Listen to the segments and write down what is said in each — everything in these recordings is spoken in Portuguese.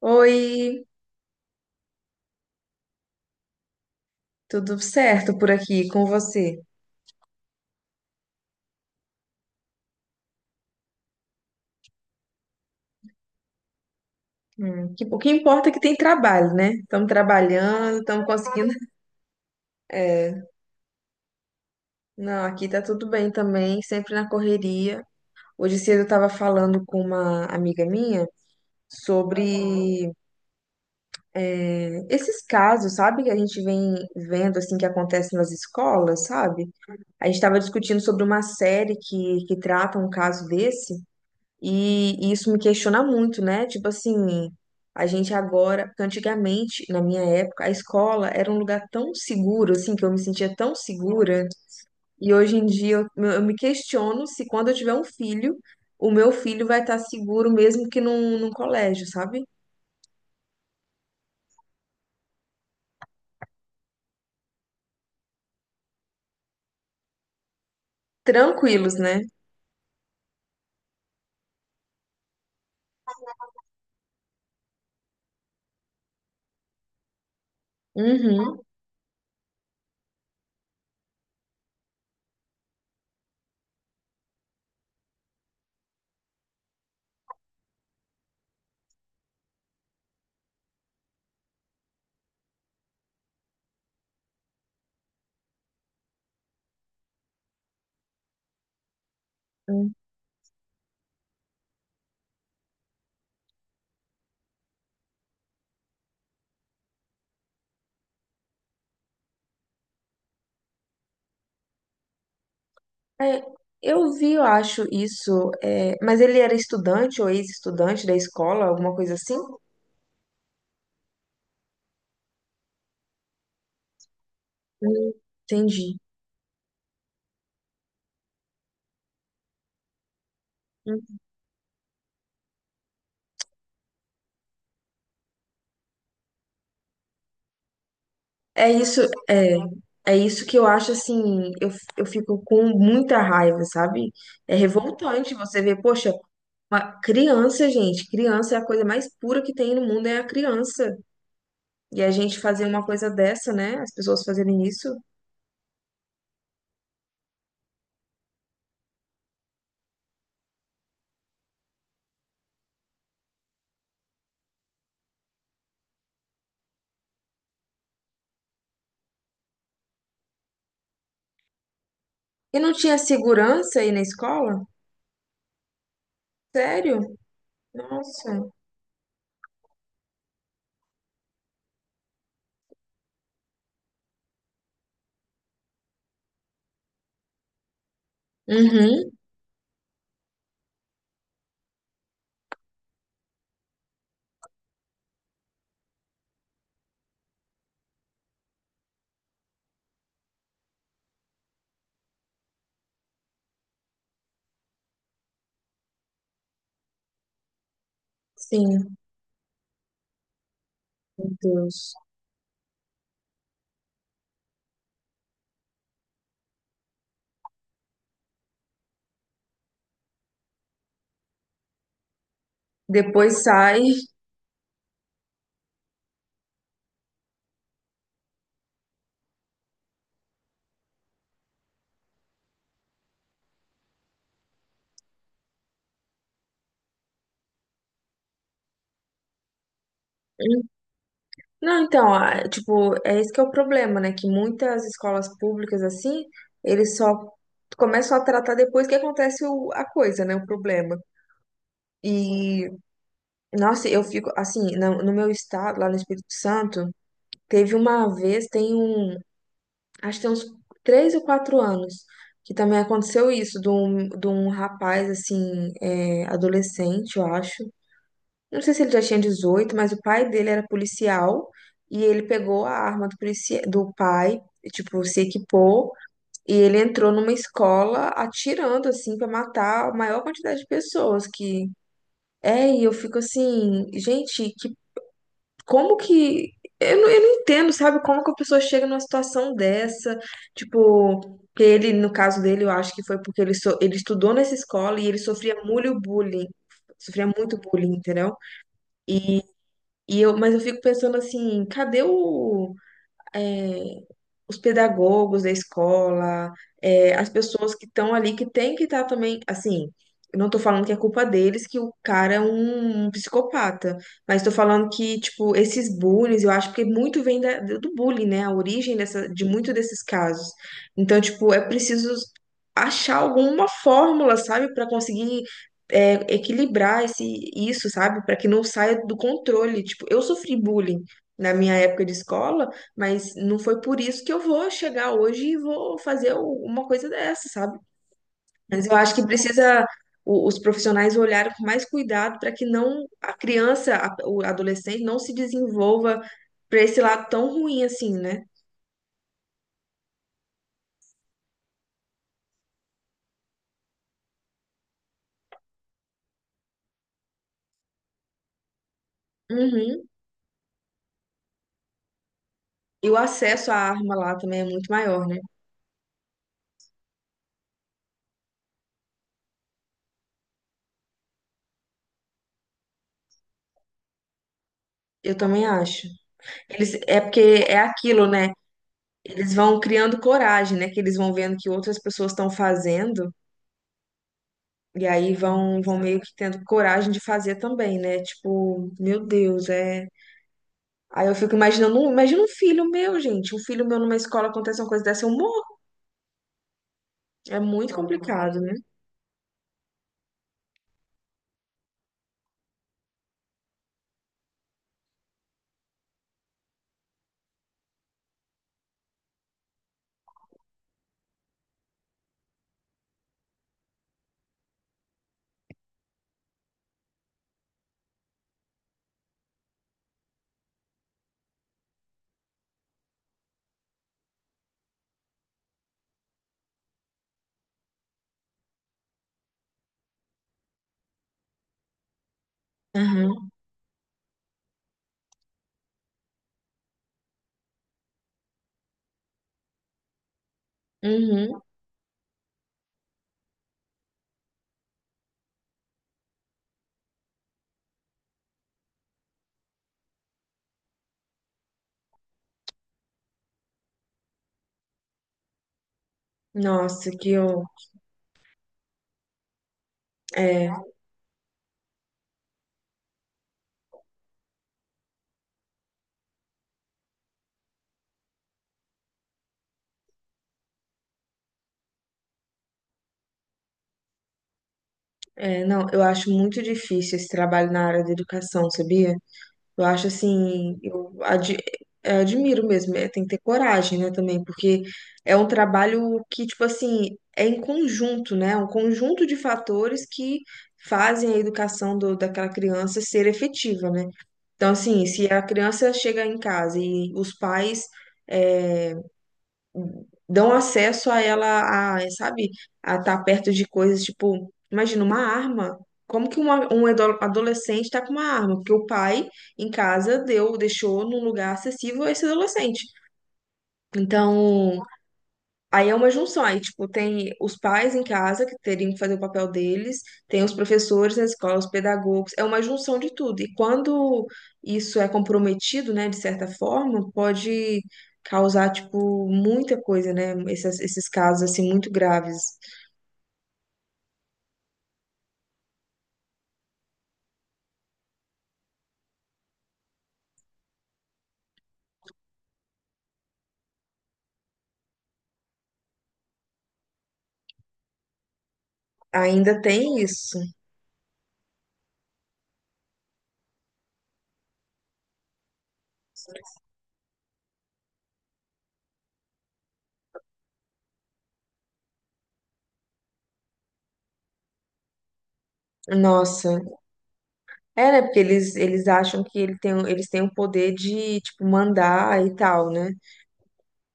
Oi, tudo certo por aqui com você? O que importa é que tem trabalho, né? Estamos trabalhando, estamos conseguindo. É, não, aqui tá tudo bem também, sempre na correria. Hoje cedo eu estava falando com uma amiga minha sobre esses casos, sabe? Que a gente vem vendo, assim, que acontece nas escolas, sabe? A gente estava discutindo sobre uma série que trata um caso desse. E isso me questiona muito, né? Tipo assim, a gente agora, porque antigamente, na minha época, a escola era um lugar tão seguro, assim, que eu me sentia tão segura. E hoje em dia eu me questiono se quando eu tiver um filho, o meu filho vai estar seguro mesmo que num colégio, sabe? Tranquilos, né? Uhum. É, eu vi, eu acho isso. É, mas ele era estudante ou ex-estudante da escola, alguma coisa assim? Hum, Entendi. É isso, é, é isso que eu acho assim, eu fico com muita raiva, sabe? É revoltante você ver, poxa, uma criança, gente, criança é a coisa mais pura que tem no mundo, é a criança. E a gente fazer uma coisa dessa, né? As pessoas fazerem isso. E não tinha segurança aí na escola? Sério? Nossa. Uhum, sim, meu Deus. Depois sai. Não, então, ah, tipo, é esse que é o problema, né? Que muitas escolas públicas, assim, eles só começam a tratar depois que acontece o- a coisa, né? O problema. E, nossa, eu fico, assim, no meu estado, lá no Espírito Santo, teve uma vez, tem um, acho que tem uns três ou quatro anos, que também aconteceu isso, de um rapaz, assim, é, adolescente, eu acho. Eu não sei se ele já tinha 18, mas o pai dele era policial e ele pegou a arma do, policia do pai, e, tipo, se equipou e ele entrou numa escola atirando, assim, pra matar a maior quantidade de pessoas que... É, e eu fico assim, gente, que, como que... eu não entendo, sabe, como que a pessoa chega numa situação dessa, tipo... Que ele, no caso dele, eu acho que foi porque ele, so- ele estudou nessa escola e ele sofria muito bullying, entendeu? E eu, mas eu fico pensando assim, cadê o, é, os pedagogos da escola, é, as pessoas que estão ali, que tem que estar também, assim, eu não tô falando que é culpa deles, que o cara é um, um psicopata, mas tô falando que, tipo, esses bullies, eu acho que muito vem da- do bullying, né, a origem dessa, de muito desses casos. Então, tipo, é preciso achar alguma fórmula, sabe, para conseguir é, equilibrar esse, isso, sabe, para que não saia do controle. Tipo, eu sofri bullying na minha época de escola, mas não foi por isso que eu vou chegar hoje e vou fazer u- uma coisa dessa, sabe? Mas eu acho que precisa o- os profissionais olharem com mais cuidado para que não a criança, a- o adolescente, não se desenvolva para esse lado tão ruim assim, né? Uhum. E o acesso à arma lá também é muito maior, né? Eu também acho. Eles, é porque é aquilo, né? Eles vão criando coragem, né? Que eles vão vendo que outras pessoas estão fazendo. E aí vão, vão meio que tendo coragem de fazer também, né? Tipo, meu Deus, é. Aí eu fico imaginando, um- imagina um filho meu, gente. Um filho meu numa escola acontece uma coisa dessa, eu morro. É muito complicado, né? Aham. Uhum. Nossa, que eu. É, é, não, eu acho muito difícil esse trabalho na área da educação, sabia? Eu acho assim, eu ad- eh, admiro mesmo, eh, tem que ter coragem, né, também, porque é um trabalho que, tipo assim, é em conjunto, né? Um conjunto de fatores que fazem a educação do- daquela criança ser efetiva, né? Então, assim, se a criança chega em casa e os pais. É, dão acesso a ela, a, sabe, a estar perto de coisas tipo, imagina uma arma. Como que uma- um ado- adolescente está com uma arma? Porque o pai em casa deu, deixou num lugar acessível a esse adolescente. Então, aí é uma junção, aí, tipo, tem os pais em casa que teriam que fazer o papel deles, tem os professores na escola, os pedagogos, é uma junção de tudo. E quando isso é comprometido, né, de certa forma, pode causar, tipo, muita coisa, né, esses casos, assim, muito graves. Ainda tem isso. Nossa. É, né, porque eles acham que ele tem, eles têm o poder de, tipo, mandar e tal, né?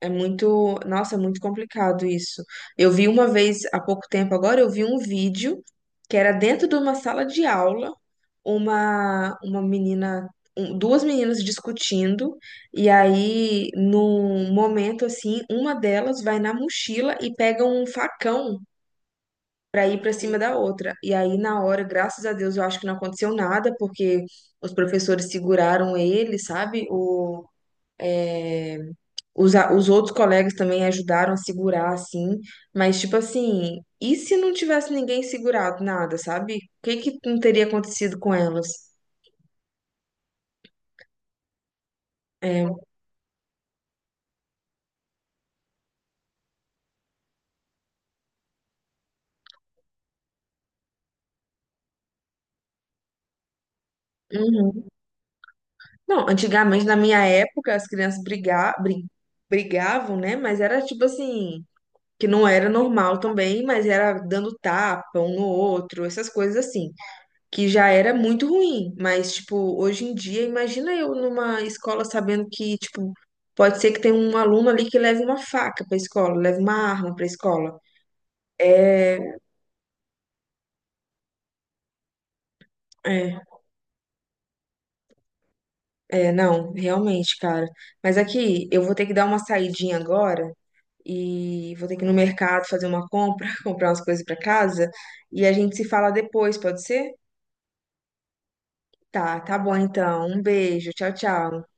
É muito, nossa, é muito complicado isso. Eu vi uma vez, há pouco tempo agora, eu vi um vídeo que era dentro de uma sala de aula, uma menina, um- duas meninas discutindo, e aí, num momento assim, uma delas vai na mochila e pega um facão pra ir pra cima da outra. E aí, na hora, graças a Deus, eu acho que não aconteceu nada, porque os professores seguraram ele, sabe? Os, a- os outros colegas também ajudaram a segurar, assim, mas tipo assim, e se não tivesse ninguém segurado nada, sabe? O que que não teria acontecido com elas? É, uhum. Não, antigamente, na minha época, as crianças briga, bri- brigavam, né? Mas era tipo assim, que não era normal também, mas era dando tapa um no outro, essas coisas assim. Que já era muito ruim, mas tipo, hoje em dia, imagina eu numa escola sabendo que, tipo, pode ser que tenha um aluno ali que leve uma faca pra escola, leve uma arma pra escola. É, é, é, não, realmente, cara. Mas aqui, eu vou ter que dar uma saidinha agora e vou ter que ir no mercado fazer uma compra, comprar umas coisas pra casa e a gente se fala depois, pode ser? Tá bom então. Um beijo, tchau, tchau.